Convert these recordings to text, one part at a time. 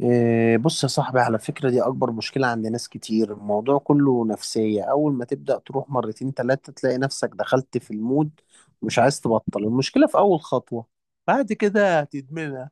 إيه، بص يا صاحبي، على فكرة دي أكبر مشكلة عند ناس كتير. الموضوع كله نفسية. أول ما تبدأ تروح مرتين تلاتة تلاقي نفسك دخلت في المود، مش عايز تبطل. المشكلة في أول خطوة، بعد كده هتدمنها.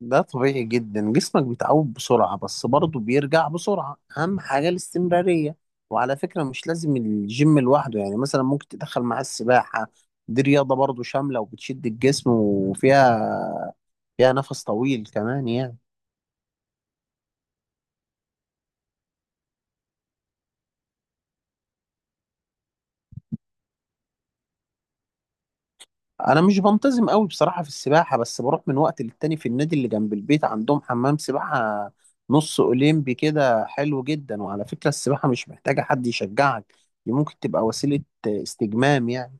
ده طبيعي جدا، جسمك بيتعود بسرعة، بس برضه بيرجع بسرعة. أهم حاجة الاستمرارية. وعلى فكرة مش لازم الجيم لوحده، يعني مثلا ممكن تدخل معاه السباحة. دي رياضة برضه شاملة وبتشد الجسم، وفيها نفس طويل كمان يعني. انا مش بنتظم قوي بصراحه في السباحه، بس بروح من وقت للتاني في النادي اللي جنب البيت، عندهم حمام سباحه نص اولمبي كده، حلو جدا. وعلى فكره السباحه مش محتاجه حد يشجعك، دي ممكن تبقى وسيله استجمام يعني.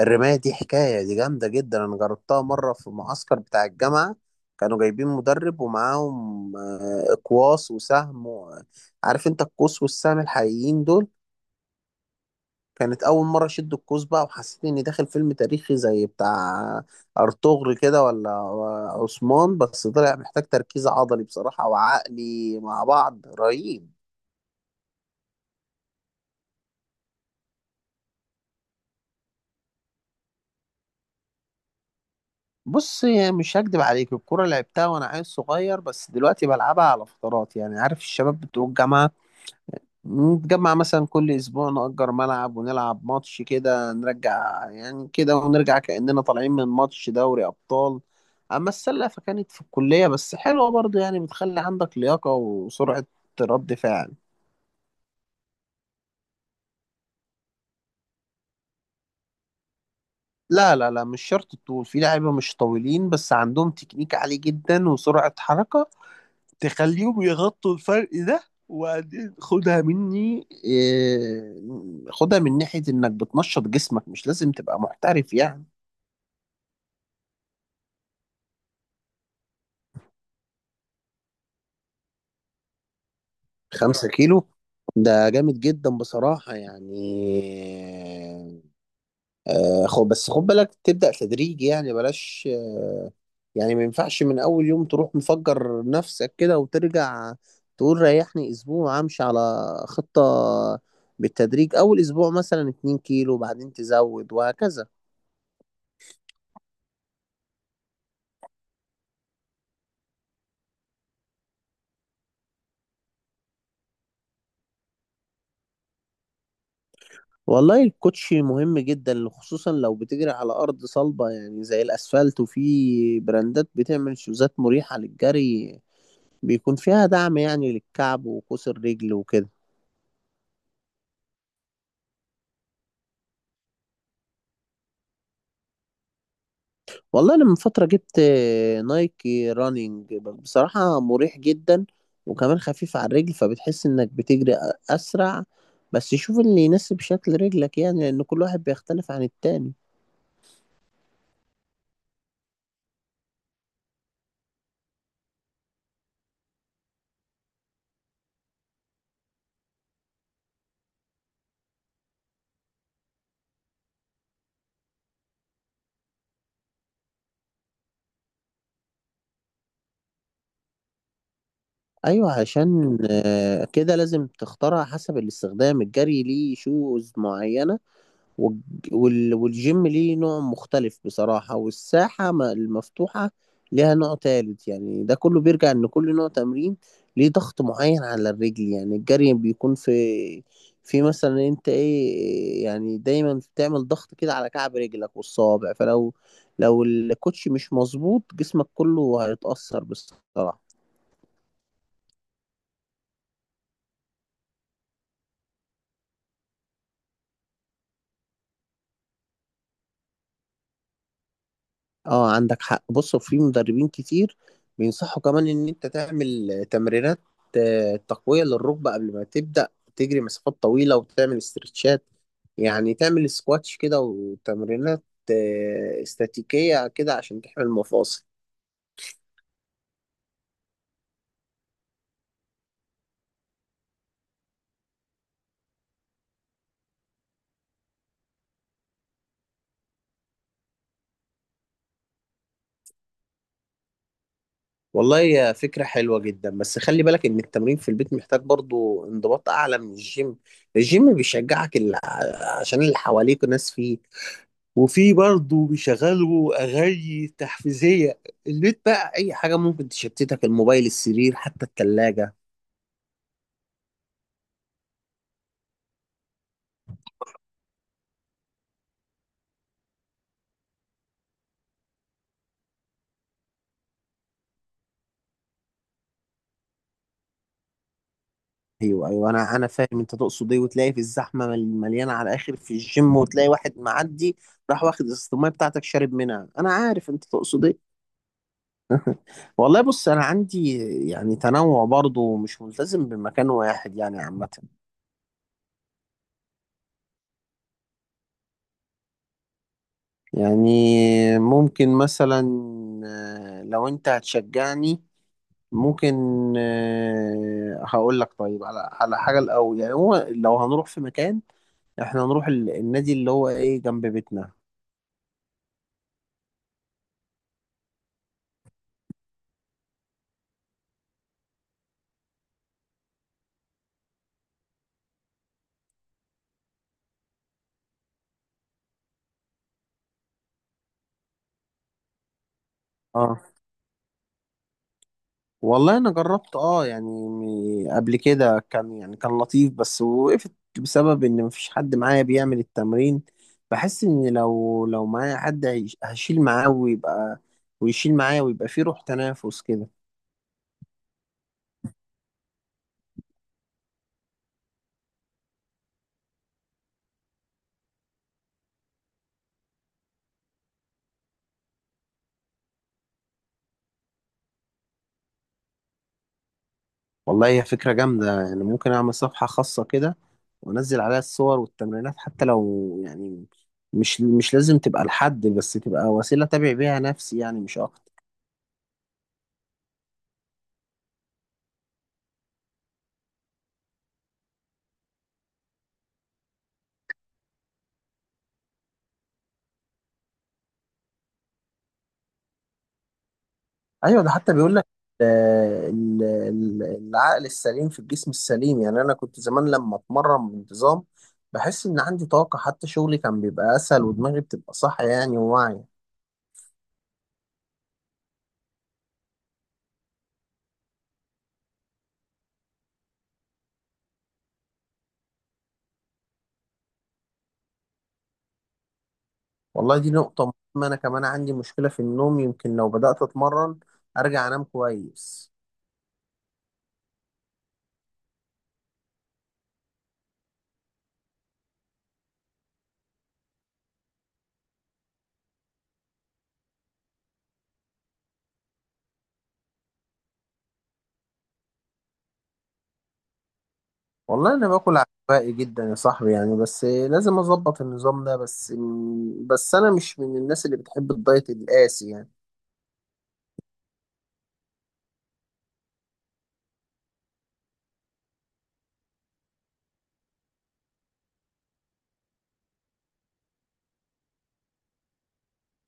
الرمايه دي حكايه، دي جامده جدا. انا جربتها مره في المعسكر بتاع الجامعه، كانوا جايبين مدرب، ومعاهم اقواس وسهم عارف انت القوس والسهم الحقيقيين دول. كانت أول مرة أشد القوس بقى، وحسيت إني داخل فيلم تاريخي زي بتاع أرطغرل كده ولا عثمان. بس طلع محتاج تركيز عضلي بصراحة وعقلي مع بعض رهيب. بص، مش هكدب عليك، الكورة لعبتها وأنا عيل صغير، بس دلوقتي بلعبها على فترات. يعني عارف الشباب بتوع الجامعة، نتجمع مثلا كل اسبوع، نأجر ملعب ونلعب ماتش كده، نرجع يعني كده ونرجع كأننا طالعين من ماتش دوري ابطال. اما السلة فكانت في الكلية، بس حلوة برضه يعني، بتخلي عندك لياقة وسرعة رد فعل. لا لا لا، مش شرط الطول، في لعيبة مش طويلين بس عندهم تكنيك عالي جدا وسرعة حركة تخليهم يغطوا الفرق ده. وبعدين خدها مني خدها من ناحية انك بتنشط جسمك، مش لازم تبقى محترف يعني. 5 كيلو؟ ده جامد جدا بصراحة يعني. خد، خد بالك تبدأ تدريجي يعني، بلاش يعني ما ينفعش من أول يوم تروح مفجر نفسك كده وترجع تقول ريحني أسبوع. أمشي على خطة بالتدريج، أول أسبوع مثلا 2 كيلو، بعدين تزود وهكذا. والله الكوتش مهم جدا، خصوصا لو بتجري على أرض صلبة يعني زي الأسفلت. وفي براندات بتعمل شوزات مريحة للجري، بيكون فيها دعم يعني للكعب وقوس الرجل وكده. والله انا من فترة جبت نايكي رانينج، بصراحة مريح جدا، وكمان خفيف على الرجل، فبتحس انك بتجري اسرع. بس شوف اللي يناسب شكل رجلك يعني، لان كل واحد بيختلف عن التاني. ايوه، عشان كده لازم تختارها حسب الاستخدام. الجري ليه شوز معينة، والجيم ليه نوع مختلف بصراحة، والساحة المفتوحة ليها نوع تالت يعني. ده كله بيرجع إن كل نوع تمرين ليه ضغط معين على الرجل. يعني الجري بيكون في في مثلا انت ايه يعني، دايما بتعمل ضغط كده على كعب رجلك والصوابع. فلو الكوتش مش مظبوط، جسمك كله هيتأثر بصراحة. اه، عندك حق. بص، في مدربين كتير بينصحوا كمان ان انت تعمل تمرينات تقوية للركبة قبل ما تبدأ تجري مسافات طويلة، وتعمل استرتشات يعني، تعمل سكواتش كده وتمرينات استاتيكية كده عشان تحمي المفاصل. والله يا فكرة حلوة جدا، بس خلي بالك ان التمرين في البيت محتاج برضو انضباط اعلى من الجيم. الجيم بيشجعك عشان اللي حواليك ناس، فيه، وفي برضه بيشغلوا اغاني تحفيزيه. البيت بقى اي حاجه ممكن تشتتك، الموبايل، السرير، حتى الثلاجه. ايوه ايوه، انا فاهم انت تقصد ايه. وتلاقي في الزحمه مليانه على الاخر في الجيم، وتلاقي واحد معدي راح واخد ازازه الميه بتاعتك شارب منها. انا عارف انت تقصد ايه. والله بص، انا عندي يعني تنوع برضه، مش ملتزم بمكان واحد يعني عامه. يعني ممكن مثلا، لو انت هتشجعني ممكن، هقول لك طيب، على حاجة الأول يعني. هو لو هنروح في مكان، احنا هنروح النادي اللي هو ايه جنب بيتنا. اه، والله انا جربت اه يعني قبل كده، كان يعني كان لطيف، بس وقفت بسبب ان مفيش حد معايا بيعمل التمرين. بحس ان لو معايا حد هشيل معاه ويبقى، ويشيل معايا ويبقى فيه روح تنافس كده. والله هي فكرة جامدة يعني، ممكن أعمل صفحة خاصة كده وأنزل عليها الصور والتمرينات، حتى لو يعني مش لازم تبقى لحد، بس تبقى وسيلة أتابع بيها نفسي يعني مش أكتر. أيوة، ده حتى بيقول لك العقل السليم في الجسم السليم يعني. أنا كنت زمان لما أتمرن بانتظام بحس إن عندي طاقة، حتى شغلي كان بيبقى أسهل، ودماغي بتبقى صح يعني وواعية. والله دي نقطة مهمة، أنا كمان عندي مشكلة في النوم، يمكن لو بدأت أتمرن أرجع أنام كويس. والله انا باكل عشوائي جدا يا صاحبي يعني، بس لازم اظبط النظام ده. بس بس انا مش من الناس اللي بتحب الدايت القاسي يعني.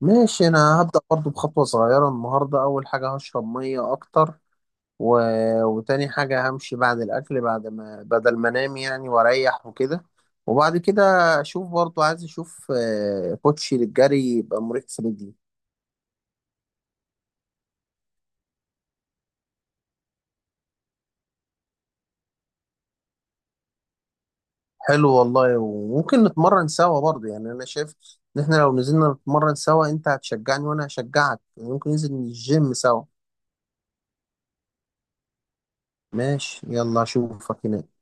ماشي، انا هبدأ برضو بخطوة صغيرة النهاردة. اول حاجة، هشرب مية اكتر. و... وتاني حاجة، همشي بعد الاكل، بعد ما بدل ما انام يعني واريح وكده. وبعد كده اشوف برضو، عايز اشوف كوتشي للجري يبقى مريح في رجلي. حلو والله، وممكن نتمرن سوا برضه يعني. انا شايف ان احنا لو نزلنا نتمرن سوا، انت هتشجعني وانا هشجعك، ممكن ننزل الجيم سوا. ماشي يلا اشوفك هناك.